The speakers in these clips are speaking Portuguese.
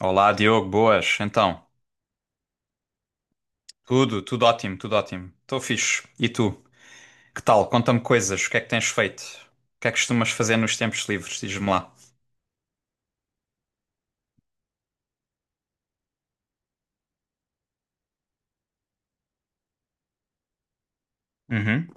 Olá, Diogo, boas. Então, tudo ótimo, tudo ótimo. Estou fixe. E tu? Que tal? Conta-me coisas. O que é que tens feito? O que é que costumas fazer nos tempos livres? Diz-me lá. Uhum,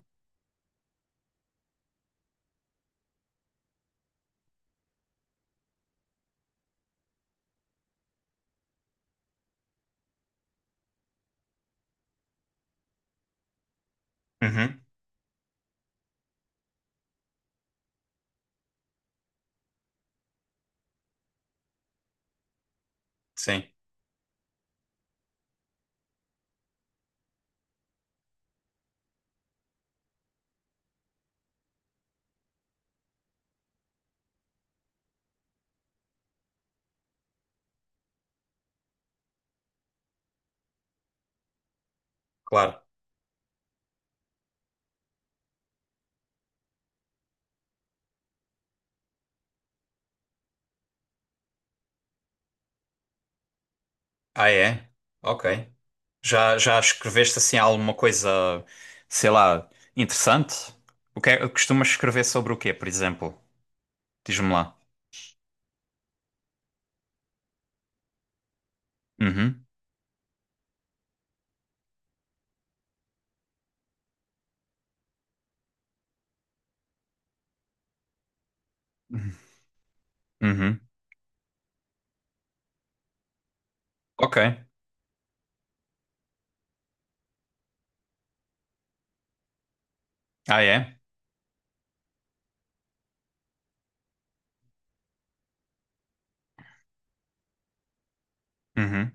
uhum, sim, claro. Ah, é? Ok. Já escreveste assim alguma coisa, sei lá, interessante? Costumas escrever sobre o quê, por exemplo? Diz-me lá. Uhum, uhum, uhum. Ok. Ah, é? Uhum,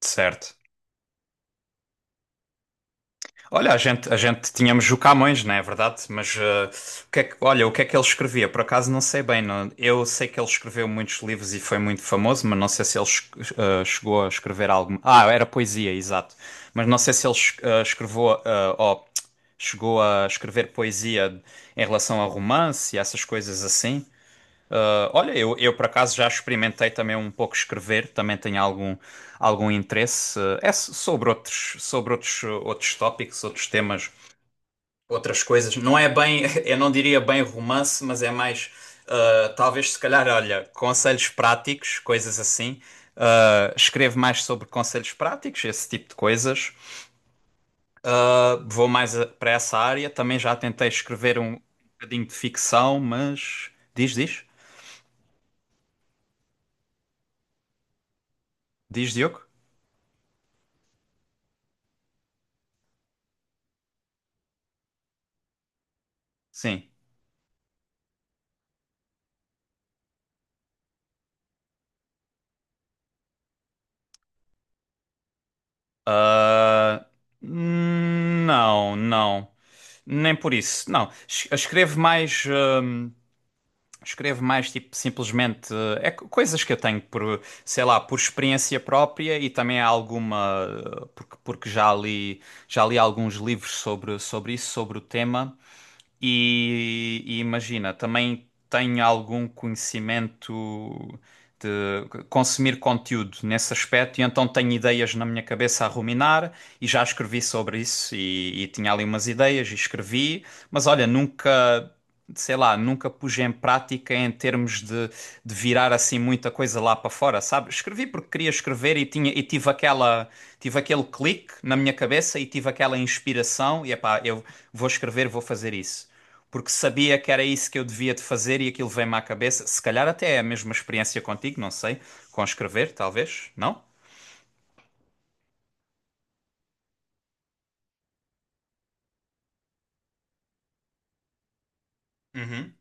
certo. Olha, a gente tínhamos o Camões, não é verdade? Mas eh, o que é que- olha, o que é que ele escrevia? Por acaso não sei bem. Eu sei que ele escreveu muitos livros e foi muito famoso, mas não sei se ele chegou a escrever algo. Ah, era poesia, exato. Mas não sei se ele escreveu, ou chegou a escrever poesia em relação a romance e essas coisas assim. Olha, eu por acaso já experimentei também um pouco escrever, também tenho algum interesse. Sobre outros, outros tópicos, outros temas, outras coisas. Não é bem, eu não diria bem romance, mas é mais, talvez se calhar, olha, conselhos práticos, coisas assim. Escrevo mais sobre conselhos práticos, esse tipo de coisas. Vou mais para essa área. Também já tentei escrever um bocadinho de ficção, mas. Diz, diz? Diz, Diogo? Sim. Ah, não, não. Nem por isso. Não. Escrevo mais. Escrevo mais, tipo, simplesmente. Coisas que eu tenho por, sei lá, por experiência própria e também há alguma. Porque já li alguns livros sobre isso, sobre o tema. E imagina, também tem algum conhecimento de consumir conteúdo nesse aspecto, e então tenho ideias na minha cabeça a ruminar, e já escrevi sobre isso, e tinha ali umas ideias, e escrevi, mas olha, nunca, sei lá, nunca pus em prática em termos de virar assim muita coisa lá para fora, sabe? Escrevi porque queria escrever e tive aquele clique na minha cabeça, e tive aquela inspiração, e epá, eu vou escrever, vou fazer isso porque sabia que era isso que eu devia de fazer e aquilo veio-me à cabeça. Se calhar até é a mesma experiência contigo, não sei. Com escrever, talvez, não? Uhum.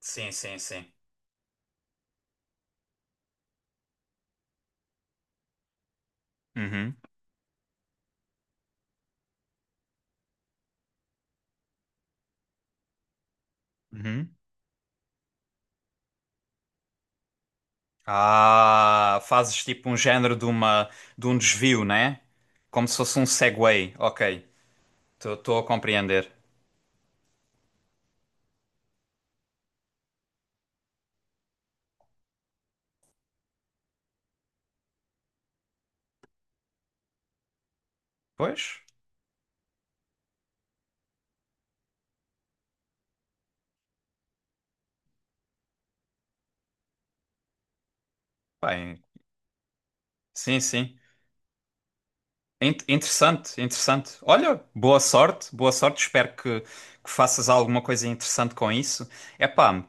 Sim, sim, sim. Uhum. Uhum. Ah, fazes tipo um género de um desvio, né? Como se fosse um segue. Ok, estou a compreender. Pois, bem, sim, sim. Interessante, interessante. Olha, boa sorte, boa sorte. Espero que faças alguma coisa interessante com isso. Epá,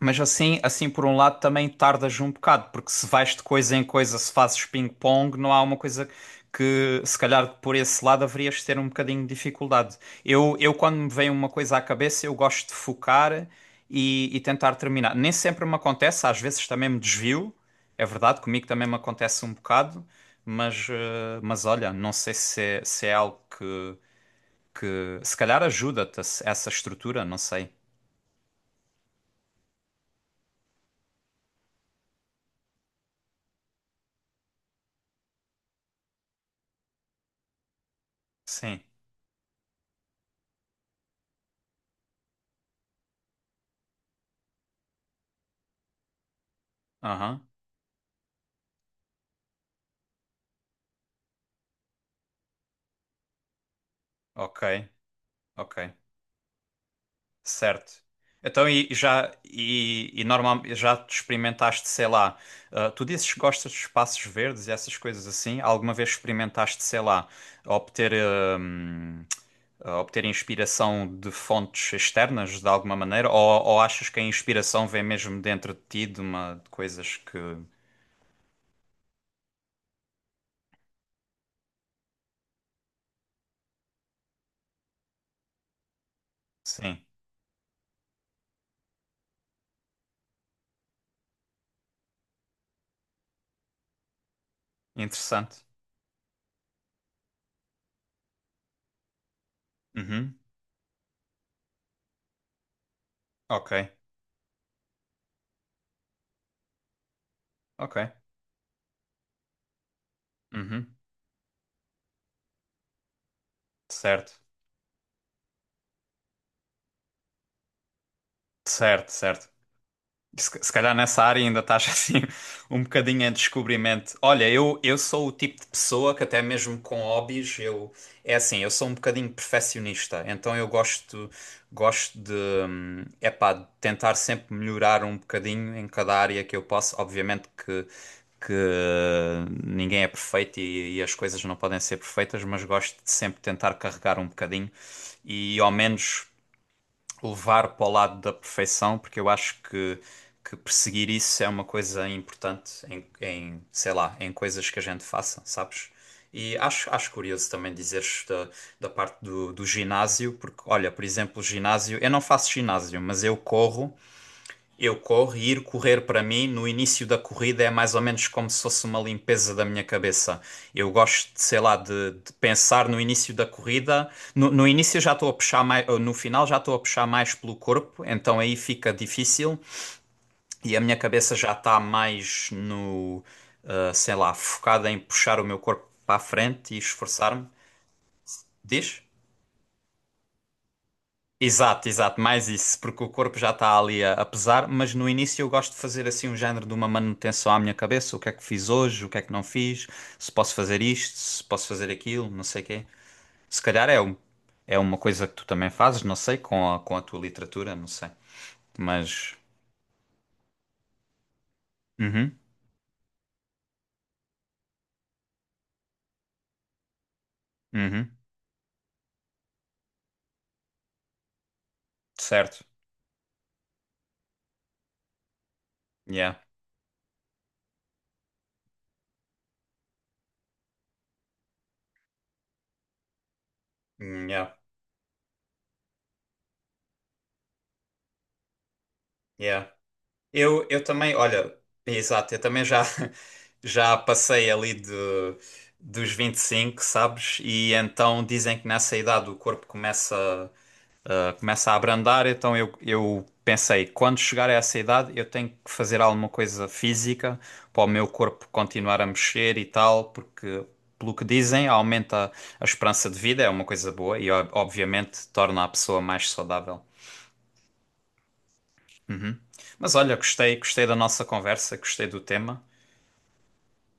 mas assim por um lado também tardas um bocado, porque se vais de coisa em coisa, se fazes ping-pong, não há uma coisa que se calhar por esse lado haverias de ter um bocadinho de dificuldade. Eu quando me vem uma coisa à cabeça, eu gosto de focar e tentar terminar. Nem sempre me acontece, às vezes também me desvio, é verdade, comigo também me acontece um bocado, mas olha, não sei se é algo que se calhar ajuda-te essa estrutura, não sei. Sim. Aham. Ok. Ok, certo. Então, e já, e normal, já te experimentaste, sei lá, tu dizes que gostas de espaços verdes e essas coisas assim, alguma vez experimentaste, sei lá, obter, ah, hum, obter inspiração de fontes externas de alguma maneira, ou achas que a inspiração vem mesmo dentro de ti, de coisas que... Sim, interessante. Uhum. Ok, ok. Uhum. Certo, certo, certo. Se calhar nessa área ainda estás assim um bocadinho em descobrimento. Olha, eu sou o tipo de pessoa que até mesmo com hobbies, eu é assim, eu sou um bocadinho perfeccionista, então eu gosto de, epá, de tentar sempre melhorar um bocadinho em cada área que eu posso. Obviamente que ninguém é perfeito e as coisas não podem ser perfeitas, mas gosto de sempre tentar carregar um bocadinho e ao menos levar para o lado da perfeição, porque eu acho que perseguir isso é uma coisa importante em, sei lá, em coisas que a gente faça, sabes? E acho curioso também dizeres da, parte do ginásio, porque, olha, por exemplo, o ginásio, eu não faço ginásio, mas eu corro e ir correr para mim no início da corrida é mais ou menos como se fosse uma limpeza da minha cabeça. Eu gosto, de sei lá, de pensar no início da corrida. No início já estou a puxar mais, ou no final já estou a puxar mais pelo corpo, então aí fica difícil e a minha cabeça já está mais no, sei lá, focada em puxar o meu corpo para a frente e esforçar-me. Diz? Exato, exato, mais isso, porque o corpo já está ali a pesar, mas no início eu gosto de fazer assim um género de uma manutenção à minha cabeça, o que é que fiz hoje, o que é que não fiz, se posso fazer isto, se posso fazer aquilo, não sei o quê. Se calhar é uma coisa que tu também fazes, não sei, com a tua literatura, não sei. Mas, uhum, uhum, certo, yeah, Mm, yeah, yeah. Eu também, olha, exato, eu também já, já passei ali dos 25, sabes? E então dizem que nessa idade o corpo começa a abrandar, então eu pensei, quando chegar a essa idade eu tenho que fazer alguma coisa física para o meu corpo continuar a mexer e tal, porque, pelo que dizem, aumenta a esperança de vida, é uma coisa boa e obviamente torna a pessoa mais saudável. Mas olha, gostei da nossa conversa, gostei do tema.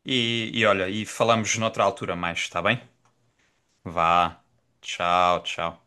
E olha, e falamos noutra altura mais, está bem? Vá. Tchau, tchau.